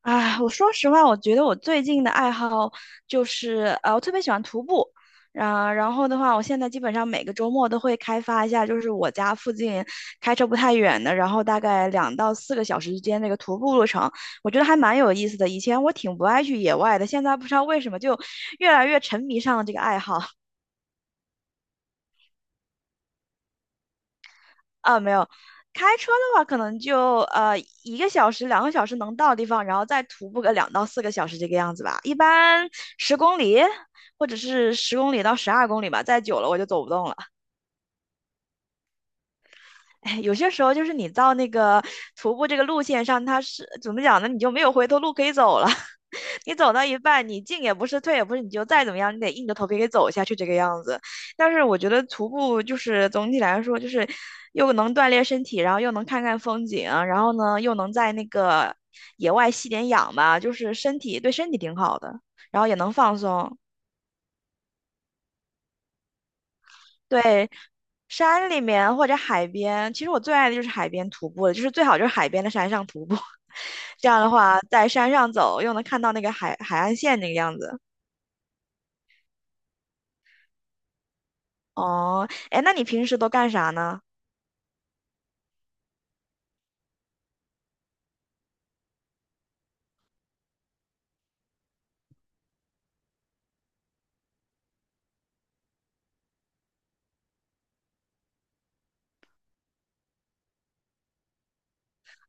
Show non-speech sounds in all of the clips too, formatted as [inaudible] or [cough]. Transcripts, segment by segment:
啊，我说实话，我觉得我最近的爱好就是，我特别喜欢徒步。啊，然后的话，我现在基本上每个周末都会开发一下，就是我家附近开车不太远的，然后大概两到四个小时之间那个徒步路程，我觉得还蛮有意思的。以前我挺不爱去野外的，现在不知道为什么就越来越沉迷上了这个爱好。啊，没有，开车的话可能就1个小时、2个小时能到的地方，然后再徒步个两到四个小时这个样子吧。一般十公里或者是10公里到12公里吧，再久了我就走不动了。哎，有些时候就是你到那个徒步这个路线上，它是怎么讲呢？你就没有回头路可以走了。你走到一半，你进也不是，退也不是，你就再怎么样，你得硬着头皮给走下去这个样子。但是我觉得徒步就是总体来说，就是又能锻炼身体，然后又能看看风景，然后呢又能在那个野外吸点氧吧，就是对身体挺好的，然后也能放松。对，山里面或者海边，其实我最爱的就是海边徒步了，就是最好就是海边的山上徒步，[laughs] 这样的话在山上走又能看到那个海岸线那个样子。哦，哎，那你平时都干啥呢？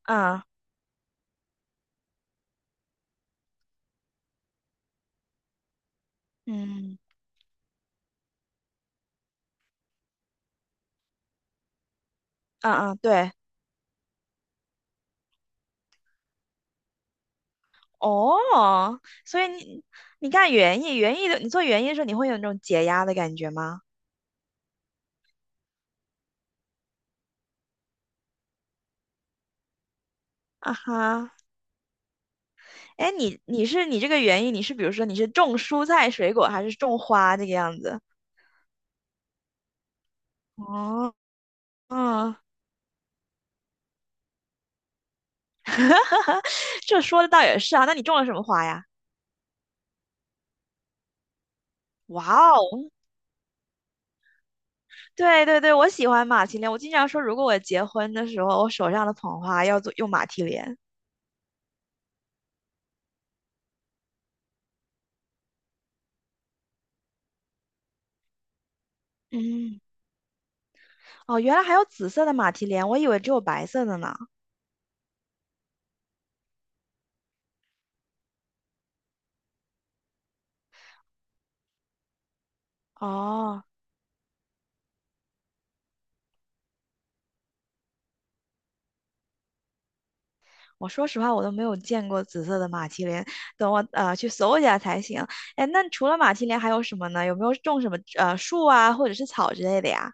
嗯嗯，嗯嗯，对，哦，所以你干园艺，园艺的你做园艺的时候，你会有那种解压的感觉吗？啊哈，哎，你是你这个园艺，比如说你是种蔬菜水果，还是种花这个样子？哦，嗯，[laughs] 这说的倒也是啊，那你种了什么花呀？哇哦，对对对，我喜欢马蹄莲，我经常说，如果我结婚的时候，我手上的捧花要用马蹄莲。嗯。哦，原来还有紫色的马蹄莲，我以为只有白色的呢。哦，我说实话，我都没有见过紫色的马蹄莲，等我去搜一下才行。哎，那除了马蹄莲还有什么呢？有没有种什么树啊，或者是草之类的呀？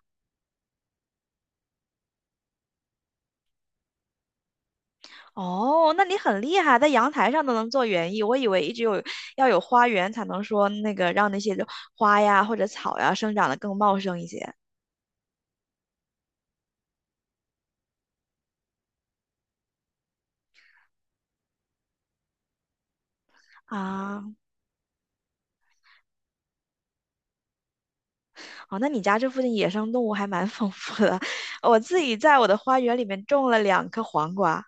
哦，那你很厉害，在阳台上都能做园艺。我以为一直有要有花园才能说那个让那些花呀或者草呀生长得更茂盛一些。啊，哦，那你家这附近野生动物还蛮丰富的。[laughs] 我自己在我的花园里面种了两颗黄瓜。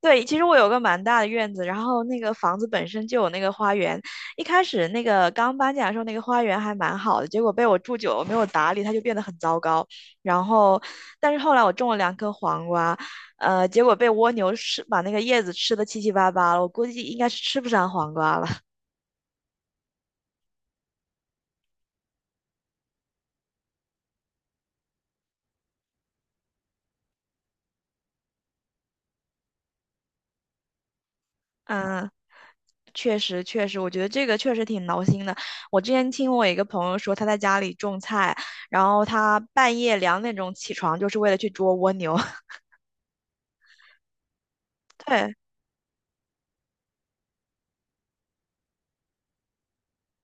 对，其实我有个蛮大的院子，然后那个房子本身就有那个花园。一开始那个刚搬进来的时候，那个花园还蛮好的，结果被我住久了没有打理，它就变得很糟糕。然后，但是后来我种了两颗黄瓜，结果被蜗牛吃，把那个叶子吃的七七八八了。我估计应该是吃不上黄瓜了。[laughs] 嗯，确实确实，我觉得这个确实挺挠心的。我之前听我一个朋友说，他在家里种菜，然后他半夜2点钟起床，就是为了去捉蜗牛。[laughs] 对，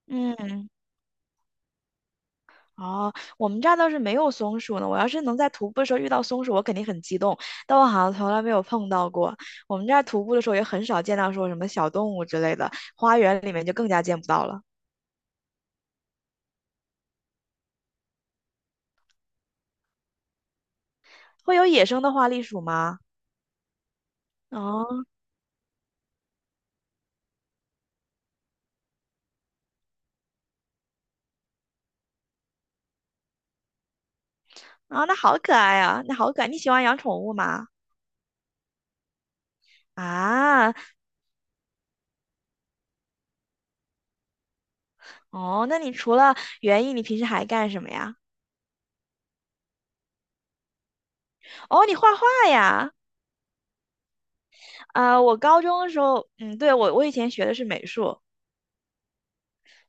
嗯，哦，我们这儿倒是没有松鼠呢。我要是能在徒步的时候遇到松鼠，我肯定很激动。但我好像从来没有碰到过。我们这儿徒步的时候也很少见到说什么小动物之类的，花园里面就更加见不到了。会有野生的花栗鼠吗？哦，啊，那好可爱啊，那好可爱。你喜欢养宠物吗？啊，哦，那你除了园艺，你平时还干什么呀？哦，你画画呀？啊、我高中的时候，嗯，对，我以前学的是美术，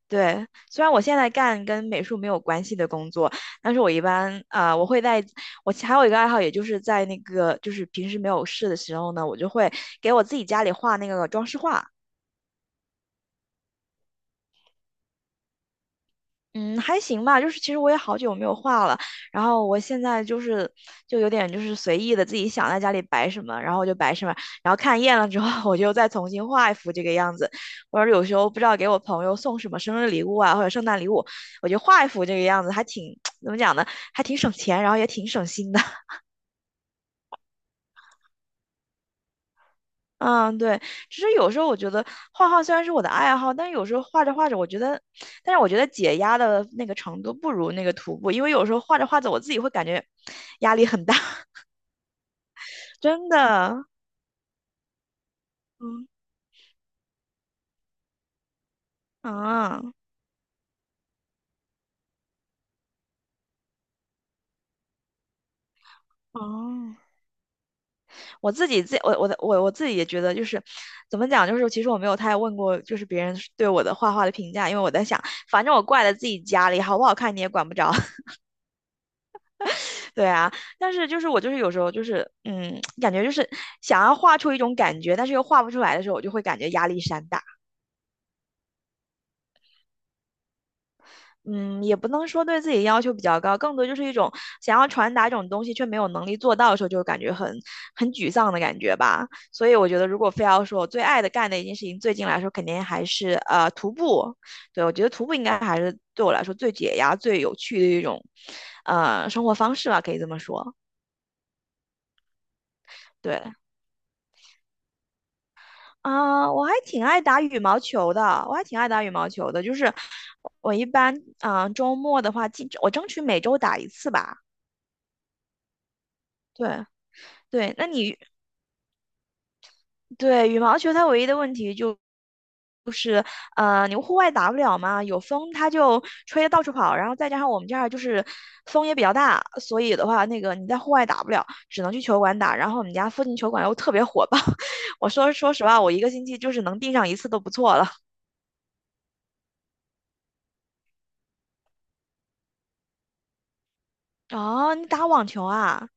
对，虽然我现在干跟美术没有关系的工作，但是我一般我会在我还有一个爱好，也就是在那个就是平时没有事的时候呢，我就会给我自己家里画那个装饰画。嗯，还行吧，就是其实我也好久没有画了，然后我现在就是就有点就是随意的自己想在家里摆什么，然后就摆什么，然后看厌了之后，我就再重新画一幅这个样子，或者有时候不知道给我朋友送什么生日礼物啊，或者圣诞礼物，我就画一幅这个样子，还挺 [tsk] 怎么讲呢，还挺省钱，然后也挺省心的。嗯，对，其实有时候我觉得画画虽然是我的爱好，但有时候画着画着，我觉得，但是我觉得解压的那个程度不如那个徒步，因为有时候画着画着，我自己会感觉 [sniffs] 压力很大，[laughs] 真的。嗯啊哦，我自己自我我的我我自己也觉得就是怎么讲，就是其实我没有太问过就是别人对我的画画的评价，因为我在想，反正我挂在自己家里，好不好看你也管不着。对啊，但是就是我就是有时候就是，嗯，[tsk] 感觉就是想要画出一种感觉，但是又画不出来的时候，我就会感觉压力山大。嗯，也不能说对自己要求比较高，更多就是一种想要传达一种东西却没有能力做到的时候，就感觉很沮丧的感觉吧。所以我觉得，如果非要说我最爱的干的一件事情，最近来说肯定还是徒步。对，我觉得徒步应该还是对我来说最解压、最有趣的一种生活方式吧，可以这么说。对，啊，我还挺爱打羽毛球的，我还挺爱打羽毛球的。就是我一般，啊，周末的话，争取每周打一次吧。对对，那你对羽毛球它唯一的问题就是，你户外打不了嘛，有风它就吹得到处跑，然后再加上我们这儿就是风也比较大，所以的话，那个你在户外打不了，只能去球馆打。然后我们家附近球馆又特别火爆，[laughs] 我说实话，我一个星期就是能订上一次都不错了。哦，你打网球啊？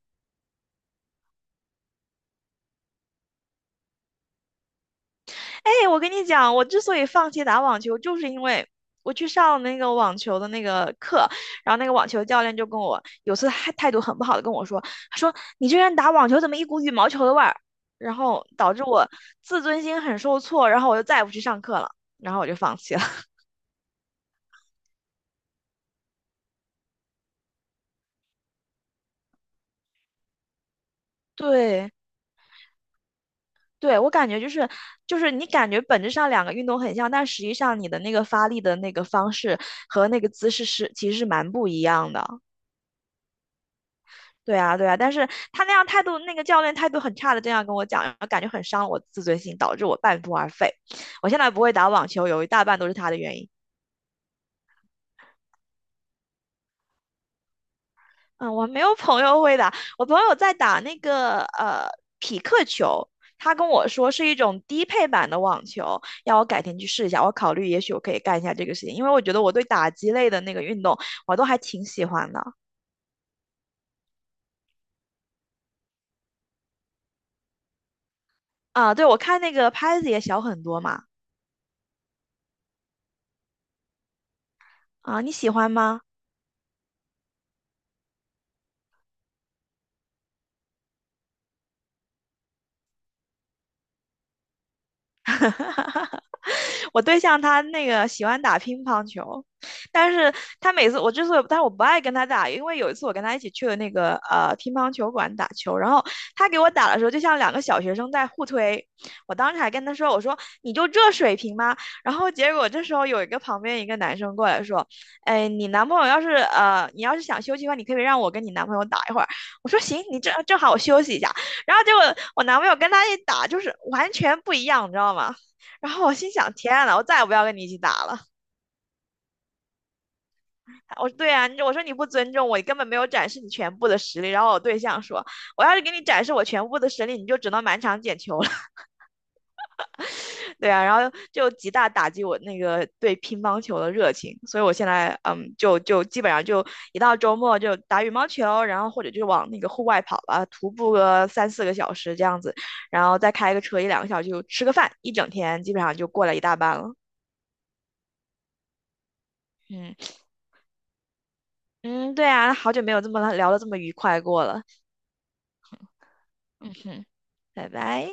哎，我跟你讲，我之所以放弃打网球，就是因为我去上那个网球的那个课，然后那个网球教练就有次还态度很不好的跟我说，他说你居然打网球怎么一股羽毛球的味儿，然后导致我自尊心很受挫，然后我就再也不去上课了，然后我就放弃了。[laughs] 对，对，我感觉就是就是你感觉本质上两个运动很像，但实际上你的那个发力的那个方式和那个姿势是其实是蛮不一样的。对啊，对啊，但是他那样态度，那个教练态度很差的，这样跟我讲，然后感觉很伤我自尊心，导致我半途而废。我现在不会打网球，有一大半都是他的原因。嗯，我没有朋友会打，我朋友在打那个匹克球，他跟我说是一种低配版的网球，要我改天去试一下。我考虑也许我可以干一下这个事情，因为我觉得我对打击类的那个运动我都还挺喜欢的。啊，对，我看那个拍子也小很多嘛。啊，你喜欢吗？[laughs] 我对象他那个喜欢打乒乓球，但是他每次我之所以，但是我不爱跟他打，因为有一次我跟他一起去了那个乒乓球馆打球，然后他给我打的时候，就像两个小学生在互推。我当时还跟他说："我说你就这水平吗？"然后结果这时候有一个旁边一个男生过来说："哎，你要是想休息的话，你可以让我跟你男朋友打一会儿。"我说："行，你正好我休息一下。"然后结果我男朋友跟他一打，就是完全不一样，你知道吗？然后我心想，天呐，我再也不要跟你一起打了。我说对啊，我说你不尊重我，你根本没有展示你全部的实力。然后我对象说，我要是给你展示我全部的实力，你就只能满场捡球了。[laughs] 对啊，然后就极大打击我那个对乒乓球的热情。所以我现在嗯，就基本上就一到周末就打羽毛球，然后或者就往那个户外跑吧，徒步个3、4个小时这样子，然后再开个车1、2个小时就吃个饭，一整天基本上就过了一大半了。嗯。嗯，对啊，好久没有这么聊的这么愉快过了。嗯哼，拜拜。